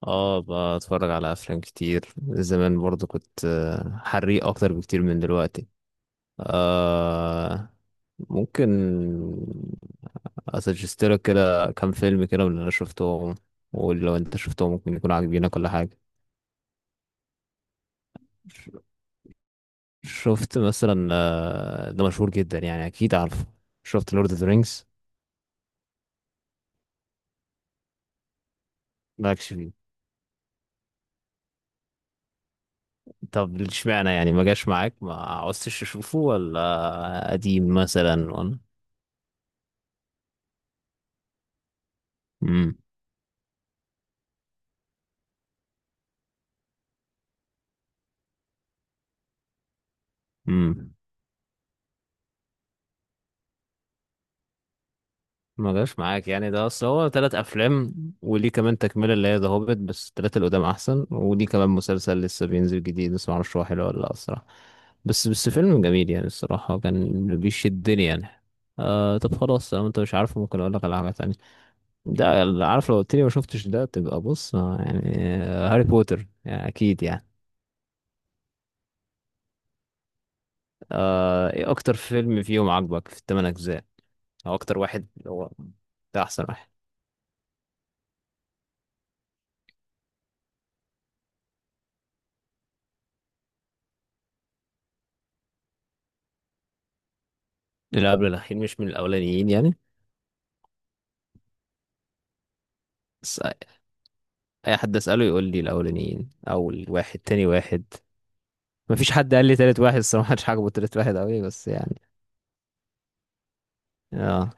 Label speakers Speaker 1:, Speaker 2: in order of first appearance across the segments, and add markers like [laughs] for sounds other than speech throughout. Speaker 1: اه، بتفرج على افلام كتير. زمان برضو كنت حريق اكتر بكتير من دلوقتي. آه، ممكن اسجستلك كده كام فيلم كده من اللي انا شفتهم، ولو انت شفتهم ممكن يكون عاجبينك ولا حاجه. ش- شفت مثلا، ده مشهور جدا، يعني اكيد عارفه. شفت لورد اوف ذا رينجز. مالكش فيه؟ طب اشمعنى يعني؟ ما جاش معاك؟ ما عوزتش تشوفه، ولا قديم مثلا، ولا... امم. ما جاش معاك يعني؟ ده اصل هو تلات افلام، وليه كمان تكمله اللي هي ذا هوبيت، بس التلاتة اللي قدام احسن. وليه كمان مسلسل لسه بينزل جديد، بس معرفش هو حلو ولا لا الصراحه. بس فيلم جميل يعني الصراحه، كان بيشدني يعني. طب خلاص، لو انت مش عارفه ممكن اقول لك على حاجه تانية. ده اللي عارف، لو قلت لي ما شفتش ده تبقى بص، يعني، هاري بوتر يعني اكيد يعني. ايه اكتر فيلم فيهم عجبك في الثمان اجزاء؟ او اكتر واحد اللي هو ده احسن واحد. اللي قبل الاخير مش من الاولانيين يعني؟ بس. اي حد اساله يقول لي الاولانيين او الواحد، تاني واحد. مفيش حد قال لي تالت واحد الصراحه، مش عاجبه تالت واحد قوي بس يعني. اه،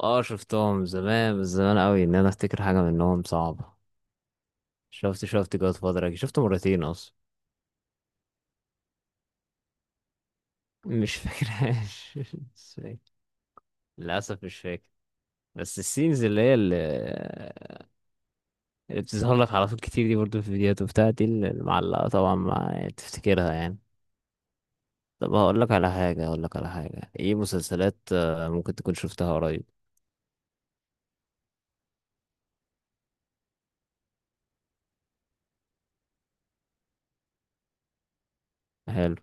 Speaker 1: اه، شفتهم زمان، بس زمان قوي ان انا افتكر حاجه منهم صعبه. شفت جود فادر، شفته مرتين اصلا. مش فاكرهاش. [laughs] مش فاكر. للاسف مش فاكر. بس السينز اللي بتظهر لك على طول كتير دي، برضو في الفيديوهات وبتاع، دي المعلقه طبعا ما تفتكرها يعني. طب هقول لك على حاجه، ايه مسلسلات ممكن تكون شفتها قريب. حلو.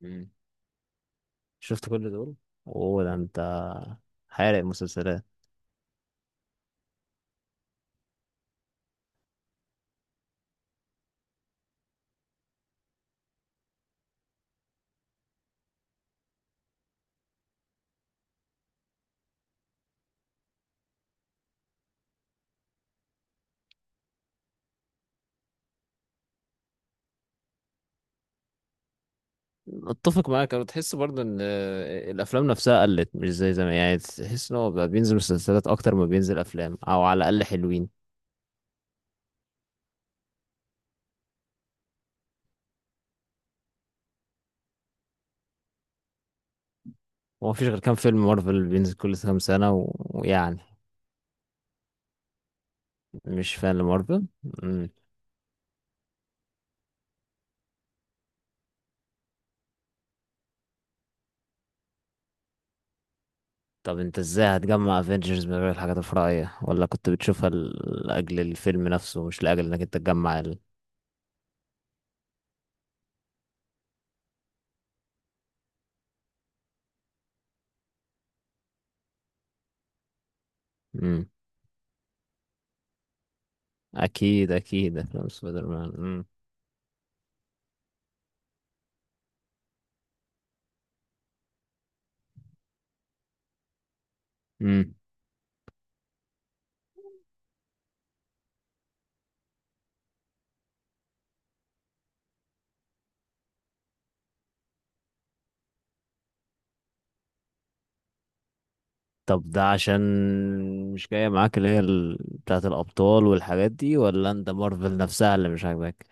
Speaker 1: مم. شفت كل دول. اوه، ده انت حارق مسلسلات! اتفق معاك، انا تحس برضه ان الافلام نفسها قلت مش زي زمان يعني. تحس ان هو بقى بينزل مسلسلات اكتر ما بينزل افلام، او على الاقل حلوين. هو مفيش غير كام فيلم مارفل بينزل كل كام سنه ويعني... مش فان لمارفل. مم. طب انت ازاي هتجمع افنجرز من غير الحاجات الفرعيه؟ ولا كنت بتشوفها لاجل الفيلم نفسه، مش لاجل انك انت تجمع. مم. اكيد اكيد افلام سبايدر مان. مم. مم. طب ده عشان مش جاية معاك اللي هي بتاعة الأبطال والحاجات دي؟ ولا أنت مارفل نفسها اللي مش عاجباك؟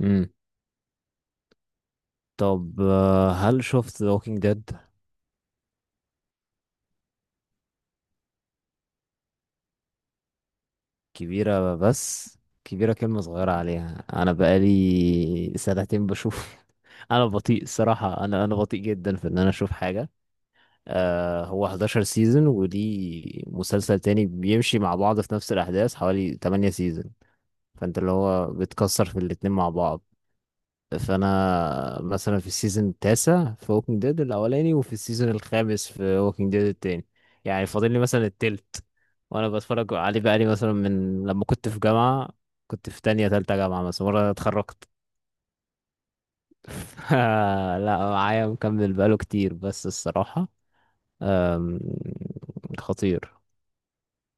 Speaker 1: امم. طب، هل شفت ووكينج ديد؟ كبيرة بس؟ كبيرة كلمة صغيرة عليها، أنا بقالي سنتين بشوف. [laughs] أنا بطيء الصراحة، أنا بطيء جدا في إن أنا أشوف حاجة. هو 11 سيزون، ودي مسلسل تاني بيمشي مع بعض في نفس الأحداث حوالي 8 سيزون. فأنت اللي هو بتكسر في الاتنين مع بعض. فانا مثلا في السيزون التاسع في ووكينج ديد الاولاني، وفي السيزون الخامس في ووكينج ديد التاني. يعني فاضل لي مثلا التلت. وانا بتفرج عليه بقالي مثلا من لما كنت في جامعة، كنت في تانية تالتة جامعة، مثلا مرة أنا اتخرجت. [laughs] ف- لا، معايا مكمل بقاله كتير بس الصراحة أم، خطير.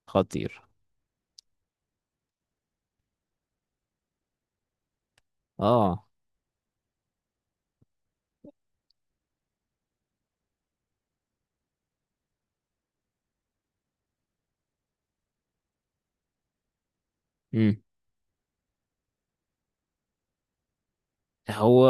Speaker 1: خطير. اه، هو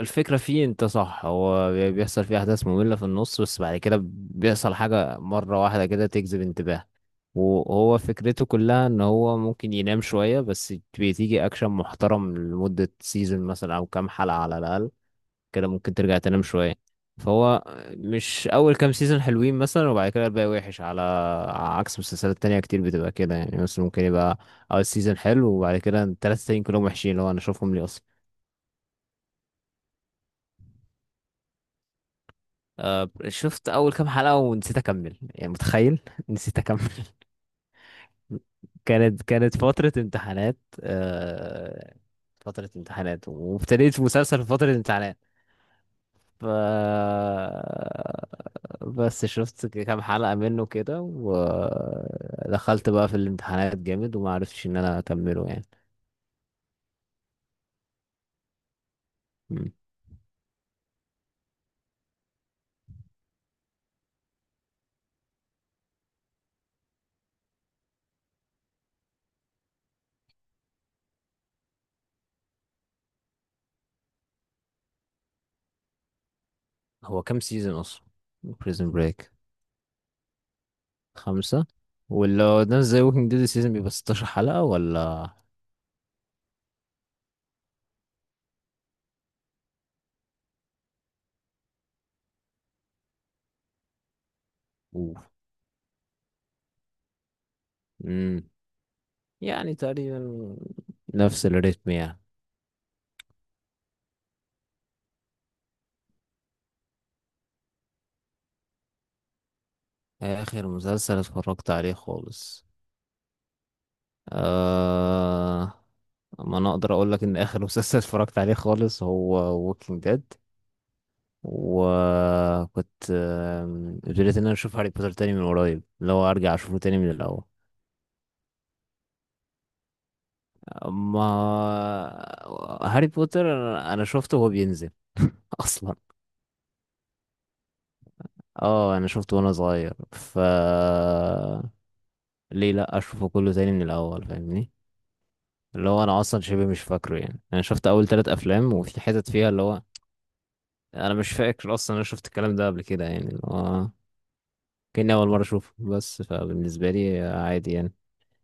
Speaker 1: الفكرة فيه انت صح، هو بيحصل فيه احداث مملة في النص، بس بعد كده بيحصل حاجة مرة واحدة كده تجذب انتباه. وهو فكرته كلها ان هو ممكن ينام شوية، بس بتيجي اكشن محترم لمدة سيزون مثلا او كام حلقة على الاقل. كده ممكن ترجع تنام شوية. فهو مش اول كام سيزون حلوين مثلا وبعد كده الباقي وحش، على عكس مسلسلات تانية كتير بتبقى كده يعني، مثلا ممكن يبقى اول سيزون حلو وبعد كده التلاتة التانيين كلهم وحشين، اللي هو انا اشوفهم ليه اصلا؟ شفت اول كام حلقة ونسيت اكمل يعني، متخيل! [laughs] نسيت اكمل. كانت فترة امتحانات، آه، فترة امتحانات، وابتديت في مسلسل في فترة امتحانات ف... بس شفت كام حلقة منه كده، ودخلت بقى في الامتحانات جامد، وما عرفتش ان انا اكمله يعني. مم. هو كام سيزون اصلا بريزن بريك؟ خمسة؟ ولا ناس زي ووكينج ديد السيزون بيبقى 16 حلقة؟ ولا... اوف. يعني تقريبا نفس الريتم يعني. آخر مسلسل اتفرجت عليه خالص. آه... ما أنا أقدر أقول لك إن آخر مسلسل [laughs] اتفرجت عليه خالص هو Walking Dead. وكنت ابتديت إن أنا أشوف هاري بوتر تاني من قريب، لو أرجع أشوفه تاني من الأول. أما هاري بوتر، أنا شفته وهو بينزل [laughs] أصلا. اه، أنا شفته وأنا صغير. ليه لأ أشوفه كله تاني من الأول، فاهمني؟ اللي هو انا اصلا شبه مش فاكره يعني، انا شفت اول ثلاث افلام وفي حتت فيها اللي هو انا مش فاكر اصلا انا شفت الكلام ده قبل كده يعني، اللي هو كأني اول مره اشوفه، بس فبالنسبه لي عادي يعني.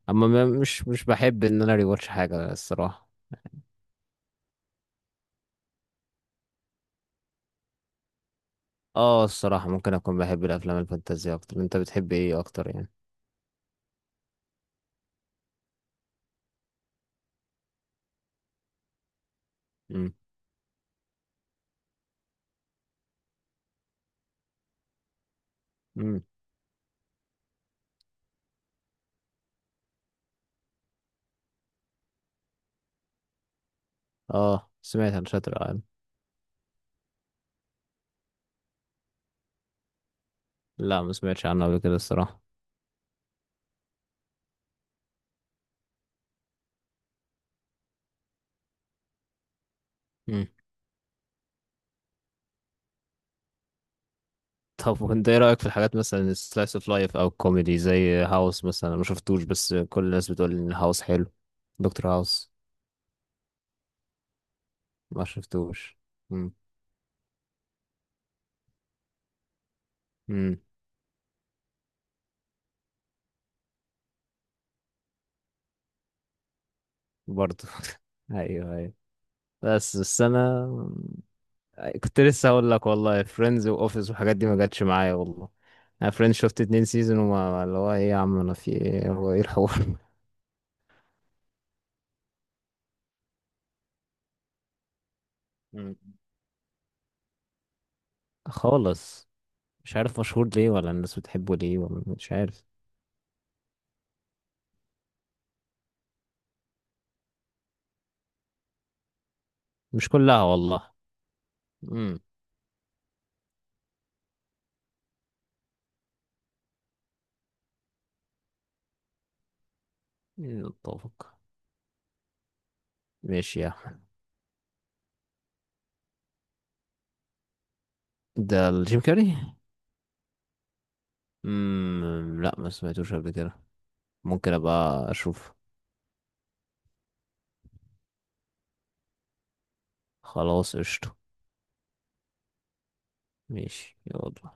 Speaker 1: اما مش بحب ان انا ريواتش حاجه الصراحه. اه، الصراحه ممكن اكون بحب الافلام الفانتازيه اكتر. انت بتحب ايه اكتر يعني؟ امم. امم. اه، سمعت عن شاتر ايلاند. لا، ما سمعتش عنه قبل كده الصراحه. طب وانت ايه رأيك في الحاجات مثلا السلايس اوف لايف او الكوميدي زي هاوس؟ مثلا انا ما شفتوش، بس كل الناس بتقول ان هاوس حلو. دكتور هاوس. ما شفتوش. امم. امم. برضه. [laughs] ايوه، ايوه. بس انا كنت لسه هقول لك والله، فريندز واوفيس والحاجات دي ما جاتش معايا والله. انا فريندز شفت اتنين سيزون، وما اللي هو ايه يا عم، انا في ايه؟ هو ايه الحوار؟ [laughs] مم. خالص. مش عارف مشهور ليه ولا الناس بتحبه ليه، ولا مش عارف. مش كلها والله. امم. نتفق. ماشي يا. ده الجيم كاري. امم، لا ما سمعتوش قبل كده. ممكن ابقى اشوف. خلاص قشطة. ماشي يلا.